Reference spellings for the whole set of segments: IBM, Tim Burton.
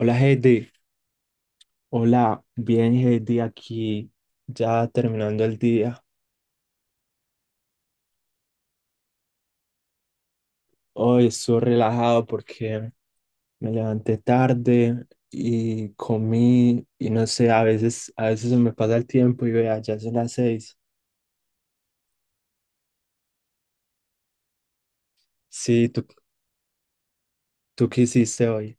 Hola Heidi, hola, bien Heidi aquí, ya terminando el día. Hoy estoy relajado porque me levanté tarde y comí y no sé, a veces se me pasa el tiempo y vea, ya son las seis. Sí, ¿tú qué hiciste hoy?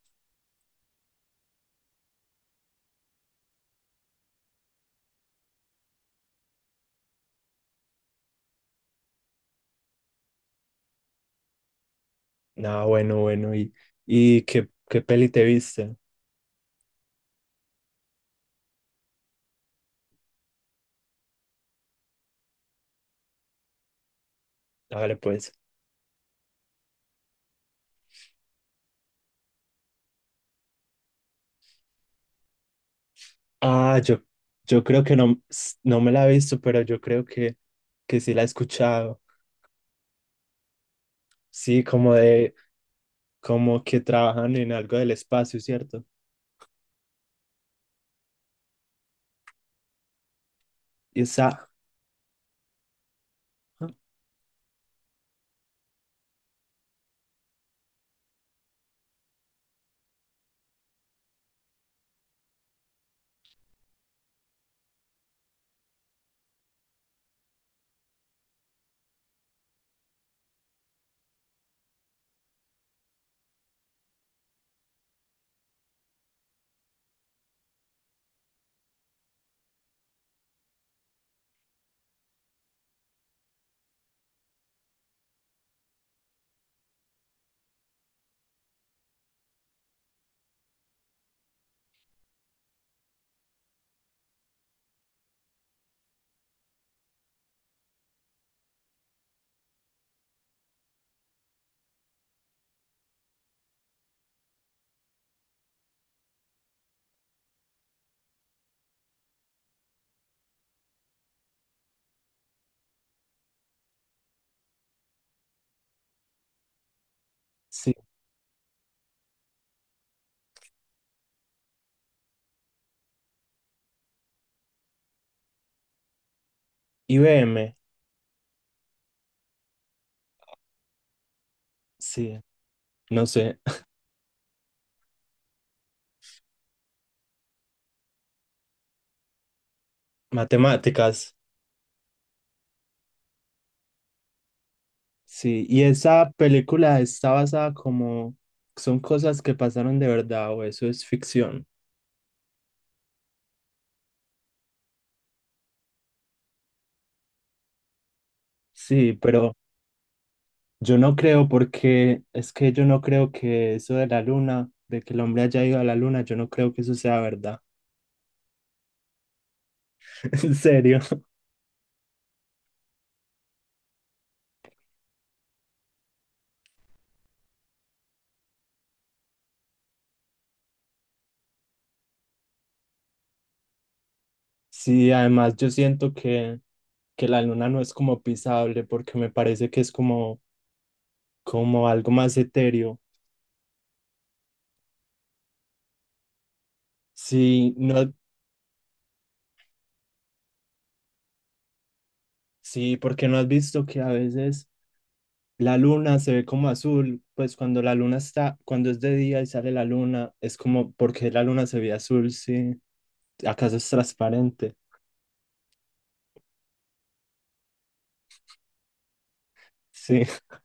Ah, bueno, ¿y qué peli te viste? Hágale pues. Ah, yo, yo creo que no, no me la he visto, pero yo creo que sí la he escuchado. Sí, como de como que trabajan en algo del espacio, ¿cierto? Y esa, sí, IBM, sí, no sé, matemáticas, sí, y esa película está basada como, ¿son cosas que pasaron de verdad o eso es ficción? Sí, pero yo no creo porque es que yo no creo que eso de la luna, de que el hombre haya ido a la luna, yo no creo que eso sea verdad. En serio, sí, además yo siento que la luna no es como pisable porque me parece que es como como algo más etéreo. Sí, no, sí, porque no has visto que a veces la luna se ve como azul, pues cuando la luna está, cuando es de día y sale la luna, es como porque la luna se ve azul, sí. ¿Acaso es transparente? Sí,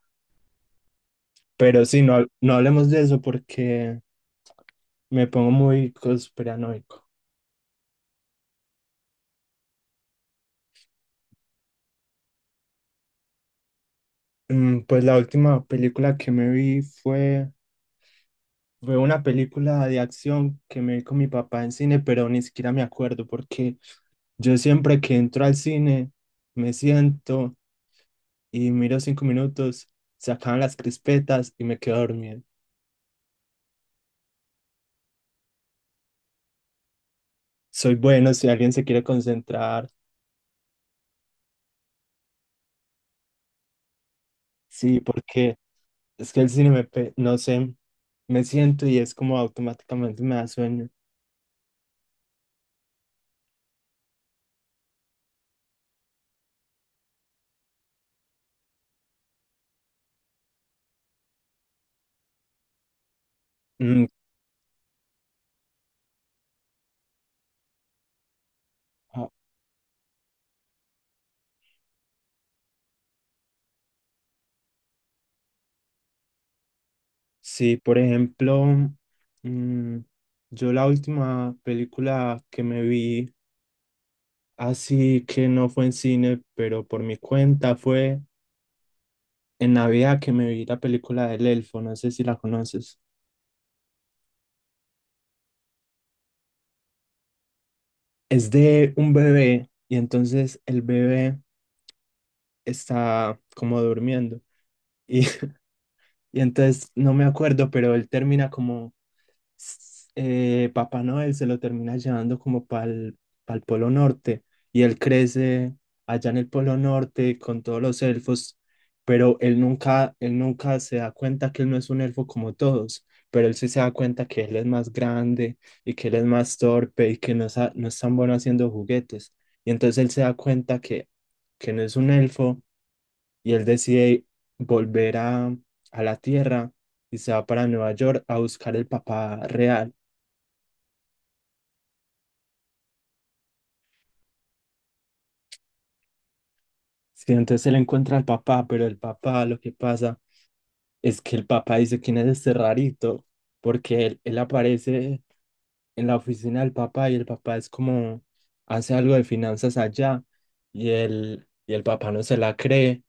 pero sí, no, no hablemos de eso porque me pongo muy conspiranoico. Mm. Pues la última película que me vi fue, fue una película de acción que me vi con mi papá en cine, pero ni siquiera me acuerdo porque yo siempre que entro al cine, me siento y miro cinco minutos, se acaban las crispetas y me quedo dormido. Soy bueno si alguien se quiere concentrar, sí, porque es que el cine me, no sé, me siento y es como automáticamente me da sueño. Mm, ah, sí, por ejemplo, mm, yo la última película que me vi, así que no fue en cine, pero por mi cuenta fue en Navidad que me vi la película del elfo, no sé si la conoces. Es de un bebé y entonces el bebé está como durmiendo y, y entonces no me acuerdo, pero él termina como Papá Noel se lo termina llevando como para el Polo Norte y él crece allá en el Polo Norte con todos los elfos, pero él nunca se da cuenta que él no es un elfo como todos, pero él sí se da cuenta que él es más grande y que él es más torpe y que no, no es tan bueno haciendo juguetes. Y entonces él se da cuenta que no es un elfo y él decide volver a la Tierra y se va para Nueva York a buscar el papá real. Sí, entonces él encuentra al papá, pero el papá lo que pasa es que el papá dice quién es este rarito, porque él aparece en la oficina del papá y el papá es como, hace algo de finanzas allá y el papá no se la cree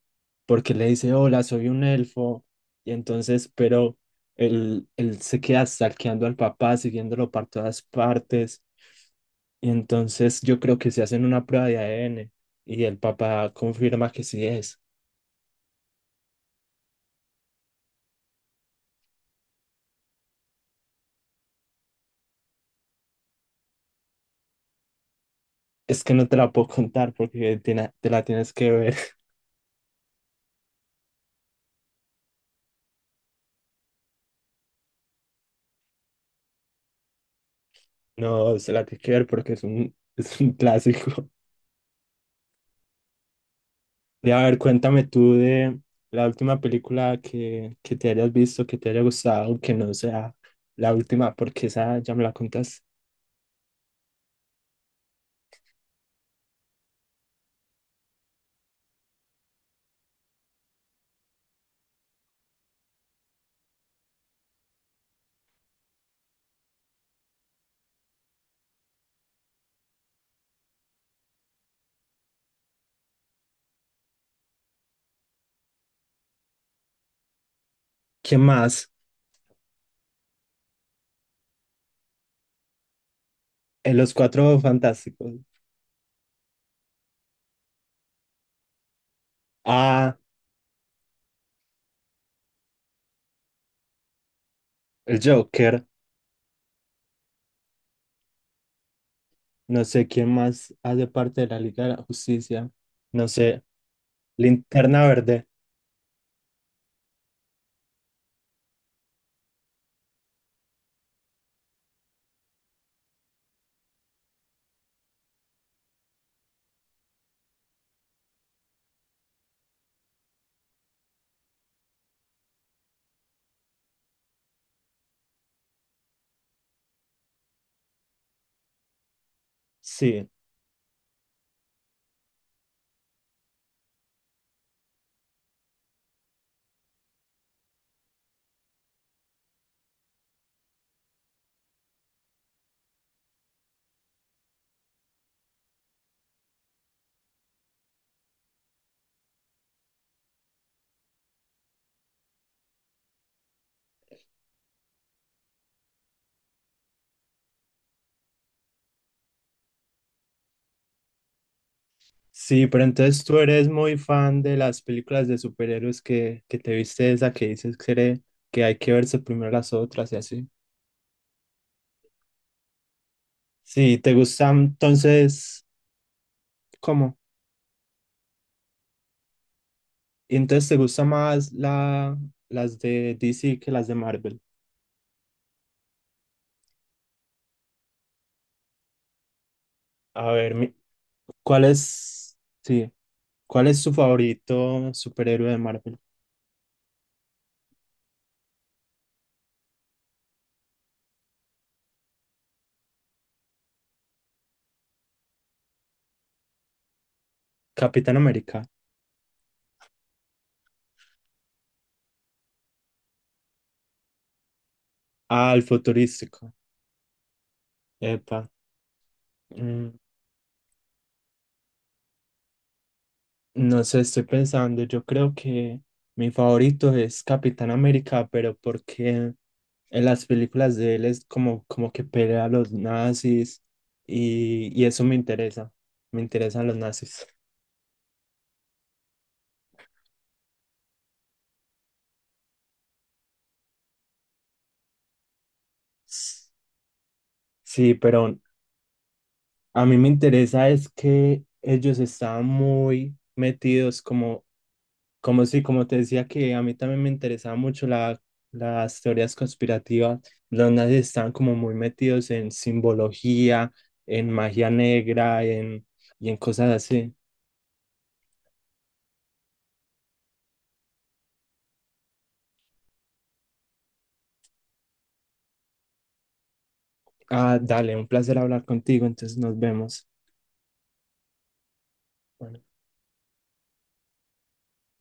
porque le dice, hola, soy un elfo. Y entonces, pero él se queda stalkeando al papá, siguiéndolo por todas partes. Y entonces yo creo que se hacen una prueba de ADN y el papá confirma que sí es. Es que no te la puedo contar porque te la tienes que ver. No, se la tienes que ver porque es un, es un clásico. Y a ver, cuéntame tú de la última película que te hayas visto, que te haya gustado, que no sea la última, porque esa ya me la contas. ¿Quién más? En Los Cuatro Fantásticos. Ah, el Joker. No sé quién más hace parte de la Liga de la Justicia. No sé. Linterna Verde. Sí. Sí, pero entonces tú eres muy fan de las películas de superhéroes que te viste esa que dices que, que hay que verse primero las otras y así. Sí, te gustan entonces, ¿cómo? Y entonces te gusta más la, las de DC que las de Marvel. A ver, ¿cuál es, sí, cuál es tu favorito superhéroe de Marvel? Capitán América. Ah, el futurístico. Epa. Mm. No sé, estoy pensando, yo creo que mi favorito es Capitán América, pero porque en las películas de él es como, como que pelea a los nazis y eso me interesa, me interesan los nazis. Sí, pero a mí me interesa es que ellos estaban muy metidos como. Como sí, como te decía que a mí también me interesaba mucho la, las teorías conspirativas. Los nazis estaban como muy metidos en simbología, en magia negra, en, y en cosas así. Ah, dale, un placer hablar contigo, entonces nos vemos. Bueno.